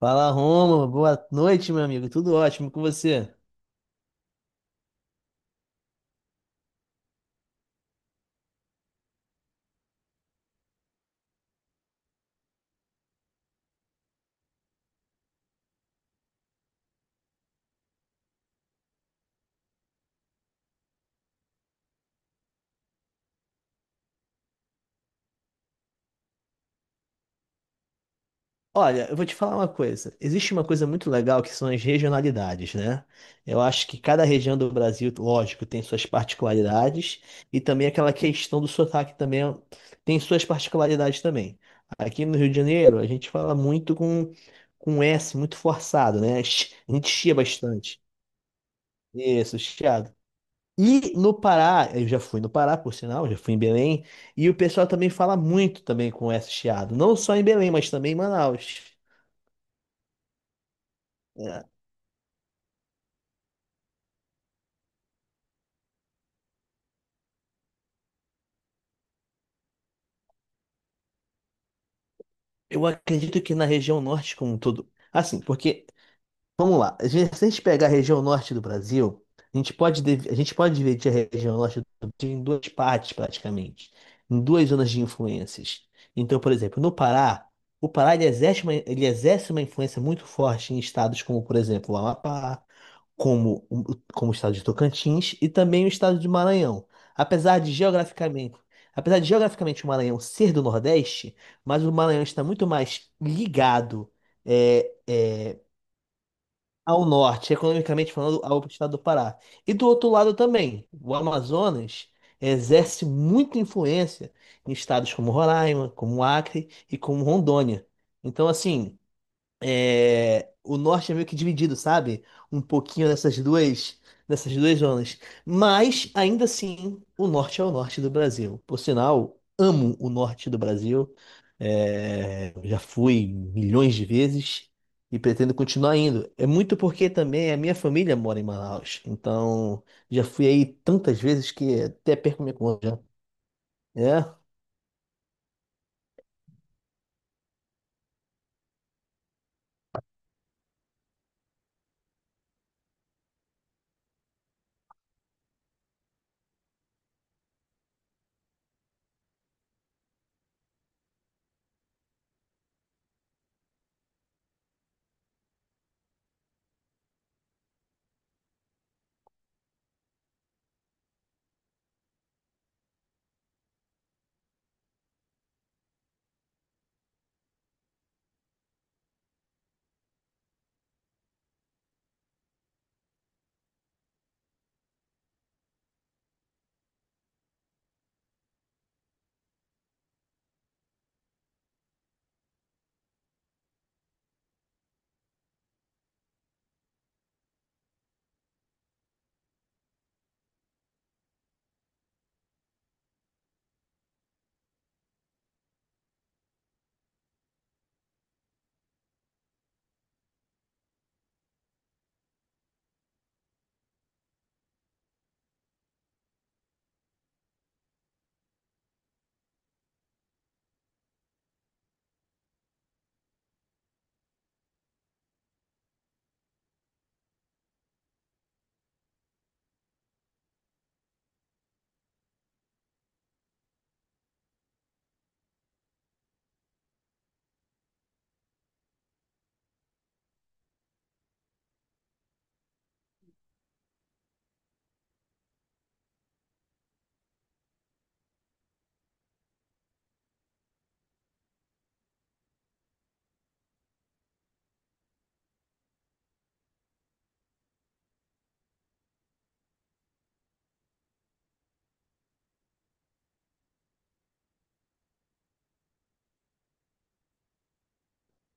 Fala, Rômulo. Boa noite, meu amigo. Tudo ótimo com você? Olha, eu vou te falar uma coisa. Existe uma coisa muito legal que são as regionalidades, né? Eu acho que cada região do Brasil, lógico, tem suas particularidades e também aquela questão do sotaque também tem suas particularidades também. Aqui no Rio de Janeiro, a gente fala muito com S muito forçado, né? A gente chia bastante. Isso, chiado. E no Pará, eu já fui no Pará, por sinal, já fui em Belém, e o pessoal também fala muito também com esse chiado, não só em Belém, mas também em Manaus. É, eu acredito que na região norte como um todo, assim, porque vamos lá. Se a gente pegar a região norte do Brasil, a gente pode dividir a região norte do Brasil em duas partes, praticamente, em duas zonas de influências. Então, por exemplo, no Pará, o Pará ele exerce uma influência muito forte em estados como, por exemplo, o Amapá, como o estado de Tocantins e também o estado de Maranhão. Apesar de geograficamente, apesar de geograficamente o Maranhão ser do Nordeste, mas o Maranhão está muito mais ligado. É, é, ao norte, economicamente falando, ao estado do Pará. E do outro lado também, o Amazonas exerce muita influência em estados como Roraima, como Acre e como Rondônia. Então, assim, é, o norte é meio que dividido, sabe? Um pouquinho nessas duas, nessas duas zonas. Mas, ainda assim, o norte é o norte do Brasil. Por sinal, amo o norte do Brasil. É, já fui milhões de vezes e pretendo continuar indo. É muito porque também a minha família mora em Manaus. Então, já fui aí tantas vezes que até perco minha conta. Já. É,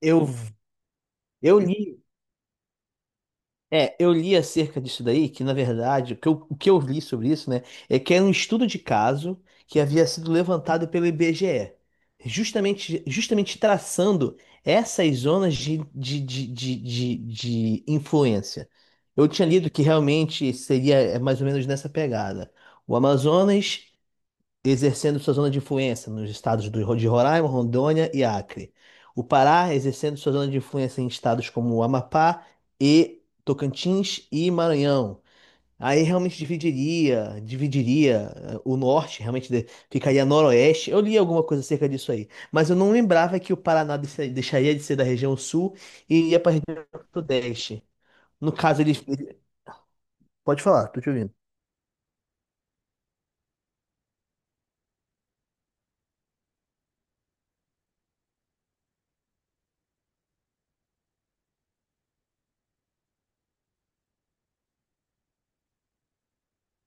eu, eu li. Eu li acerca disso daí, que na verdade, o que eu li sobre isso, né, é que era um estudo de caso que havia sido levantado pelo IBGE, justamente traçando essas zonas de influência. Eu tinha lido que realmente seria mais ou menos nessa pegada. O Amazonas exercendo sua zona de influência nos estados de Roraima, Rondônia e Acre. O Pará exercendo sua zona de influência em estados como o Amapá e Tocantins e Maranhão. Aí realmente dividiria o norte, ficaria noroeste. Eu li alguma coisa acerca disso aí, mas eu não lembrava que deixaria de ser da região sul e iria para a região sudeste. No caso, pode falar, tô te ouvindo.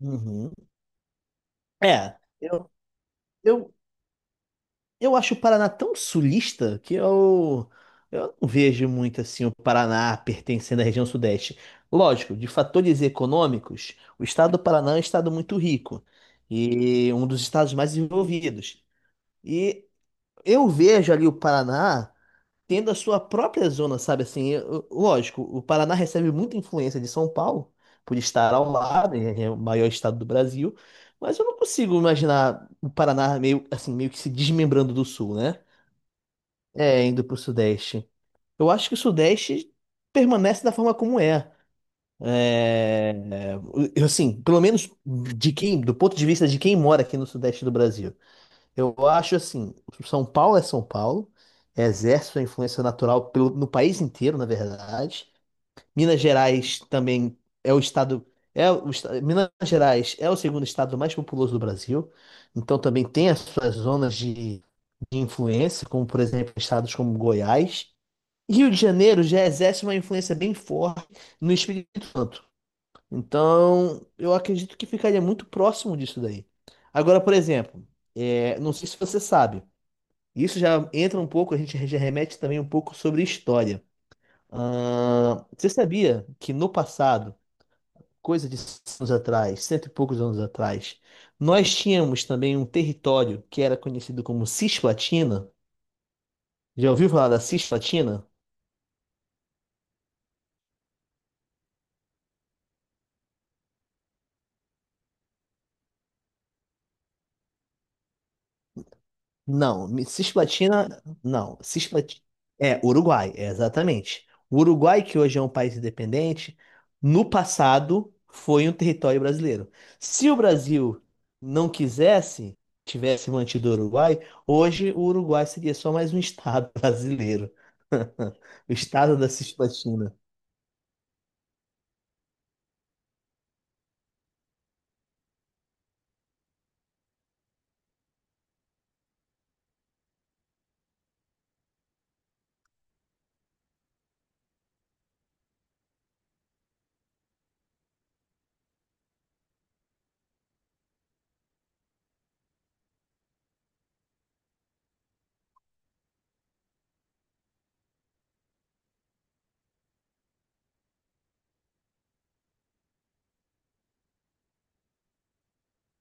Uhum. É, eu, eu, eu acho o Paraná tão sulista que eu não vejo muito assim o Paraná pertencendo à região sudeste. Lógico, de fatores econômicos, o estado do Paraná é um estado muito rico e um dos estados mais desenvolvidos. E eu vejo ali o Paraná tendo a sua própria zona, sabe assim? Lógico, o Paraná recebe muita influência de São Paulo, por estar ao lado, é o maior estado do Brasil, mas eu não consigo imaginar o Paraná meio assim, meio que se desmembrando do sul, né? É, indo pro Sudeste. Eu acho que o Sudeste permanece da forma como é. É, assim, pelo menos de do ponto de vista de quem mora aqui no Sudeste do Brasil. Eu acho assim, São Paulo é São Paulo, exerce sua influência natural no país inteiro, na verdade. Minas Gerais também é o estado, é o, esta- Minas Gerais é o segundo estado mais populoso do Brasil, então também tem as suas zonas de influência, como por exemplo estados como Goiás. Rio de Janeiro já exerce uma influência bem forte no Espírito Santo, então eu acredito que ficaria muito próximo disso daí. Agora, por exemplo, é, não sei se você sabe. Isso já entra um pouco, a gente já remete também um pouco sobre história. Ah, você sabia que no passado, coisa de 100 anos atrás, cento e poucos anos atrás, nós tínhamos também um território que era conhecido como Cisplatina? Já ouviu falar da Cisplatina? Não, me- Cisplatina, não, Cisplatina, é, Uruguai, é, exatamente. O Uruguai, que hoje é um país independente, no passado foi um território brasileiro. Se o Brasil não quisesse, tivesse mantido o Uruguai, hoje o Uruguai seria só mais um estado brasileiro, o estado da Cisplatina.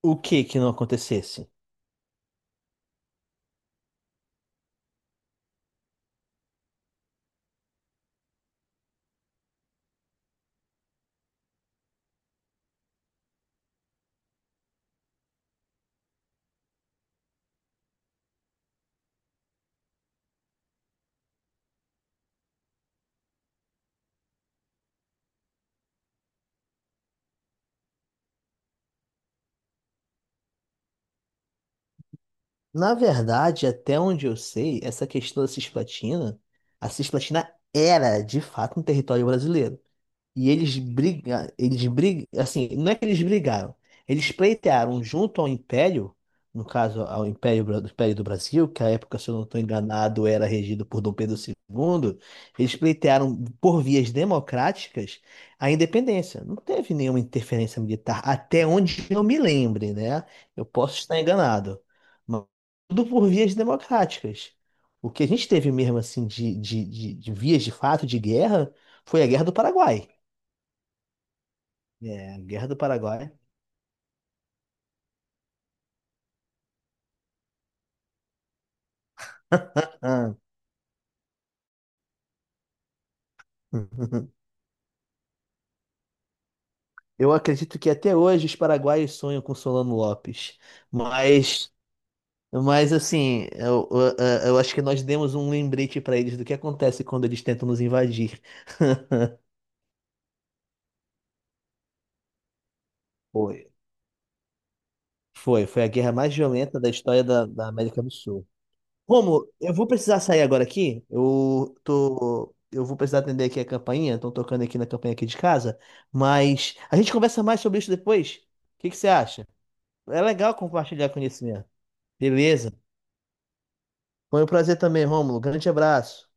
O que que não acontecesse? Na verdade, até onde eu sei, essa questão da Cisplatina, a Cisplatina era de fato um território brasileiro. E eles brigaram, assim, não é que eles brigaram, eles pleitearam junto ao Império, no caso ao Império, do Império do Brasil, que à época, se eu não estou enganado, era regido por Dom Pedro II, eles pleitearam por vias democráticas a independência. Não teve nenhuma interferência militar, até onde eu me lembre, né? Eu posso estar enganado, mas tudo por vias democráticas. O que a gente teve mesmo, assim, de vias de fato de guerra foi a Guerra do Paraguai. É, a Guerra do Paraguai. Ah, eu acredito que até hoje os paraguaios sonham com Solano Lopes, mas, mas assim, eu acho que nós demos um lembrete para eles do que acontece quando eles tentam nos invadir. Foi. Foi a guerra mais violenta da história da América do Sul. Romulo, eu vou precisar sair agora aqui. Eu vou precisar atender aqui a campainha. Estão tocando aqui na campainha aqui de casa. Mas a gente conversa mais sobre isso depois. O que que você acha? É legal compartilhar conhecimento. Beleza. Foi um prazer também, Rômulo. Grande abraço.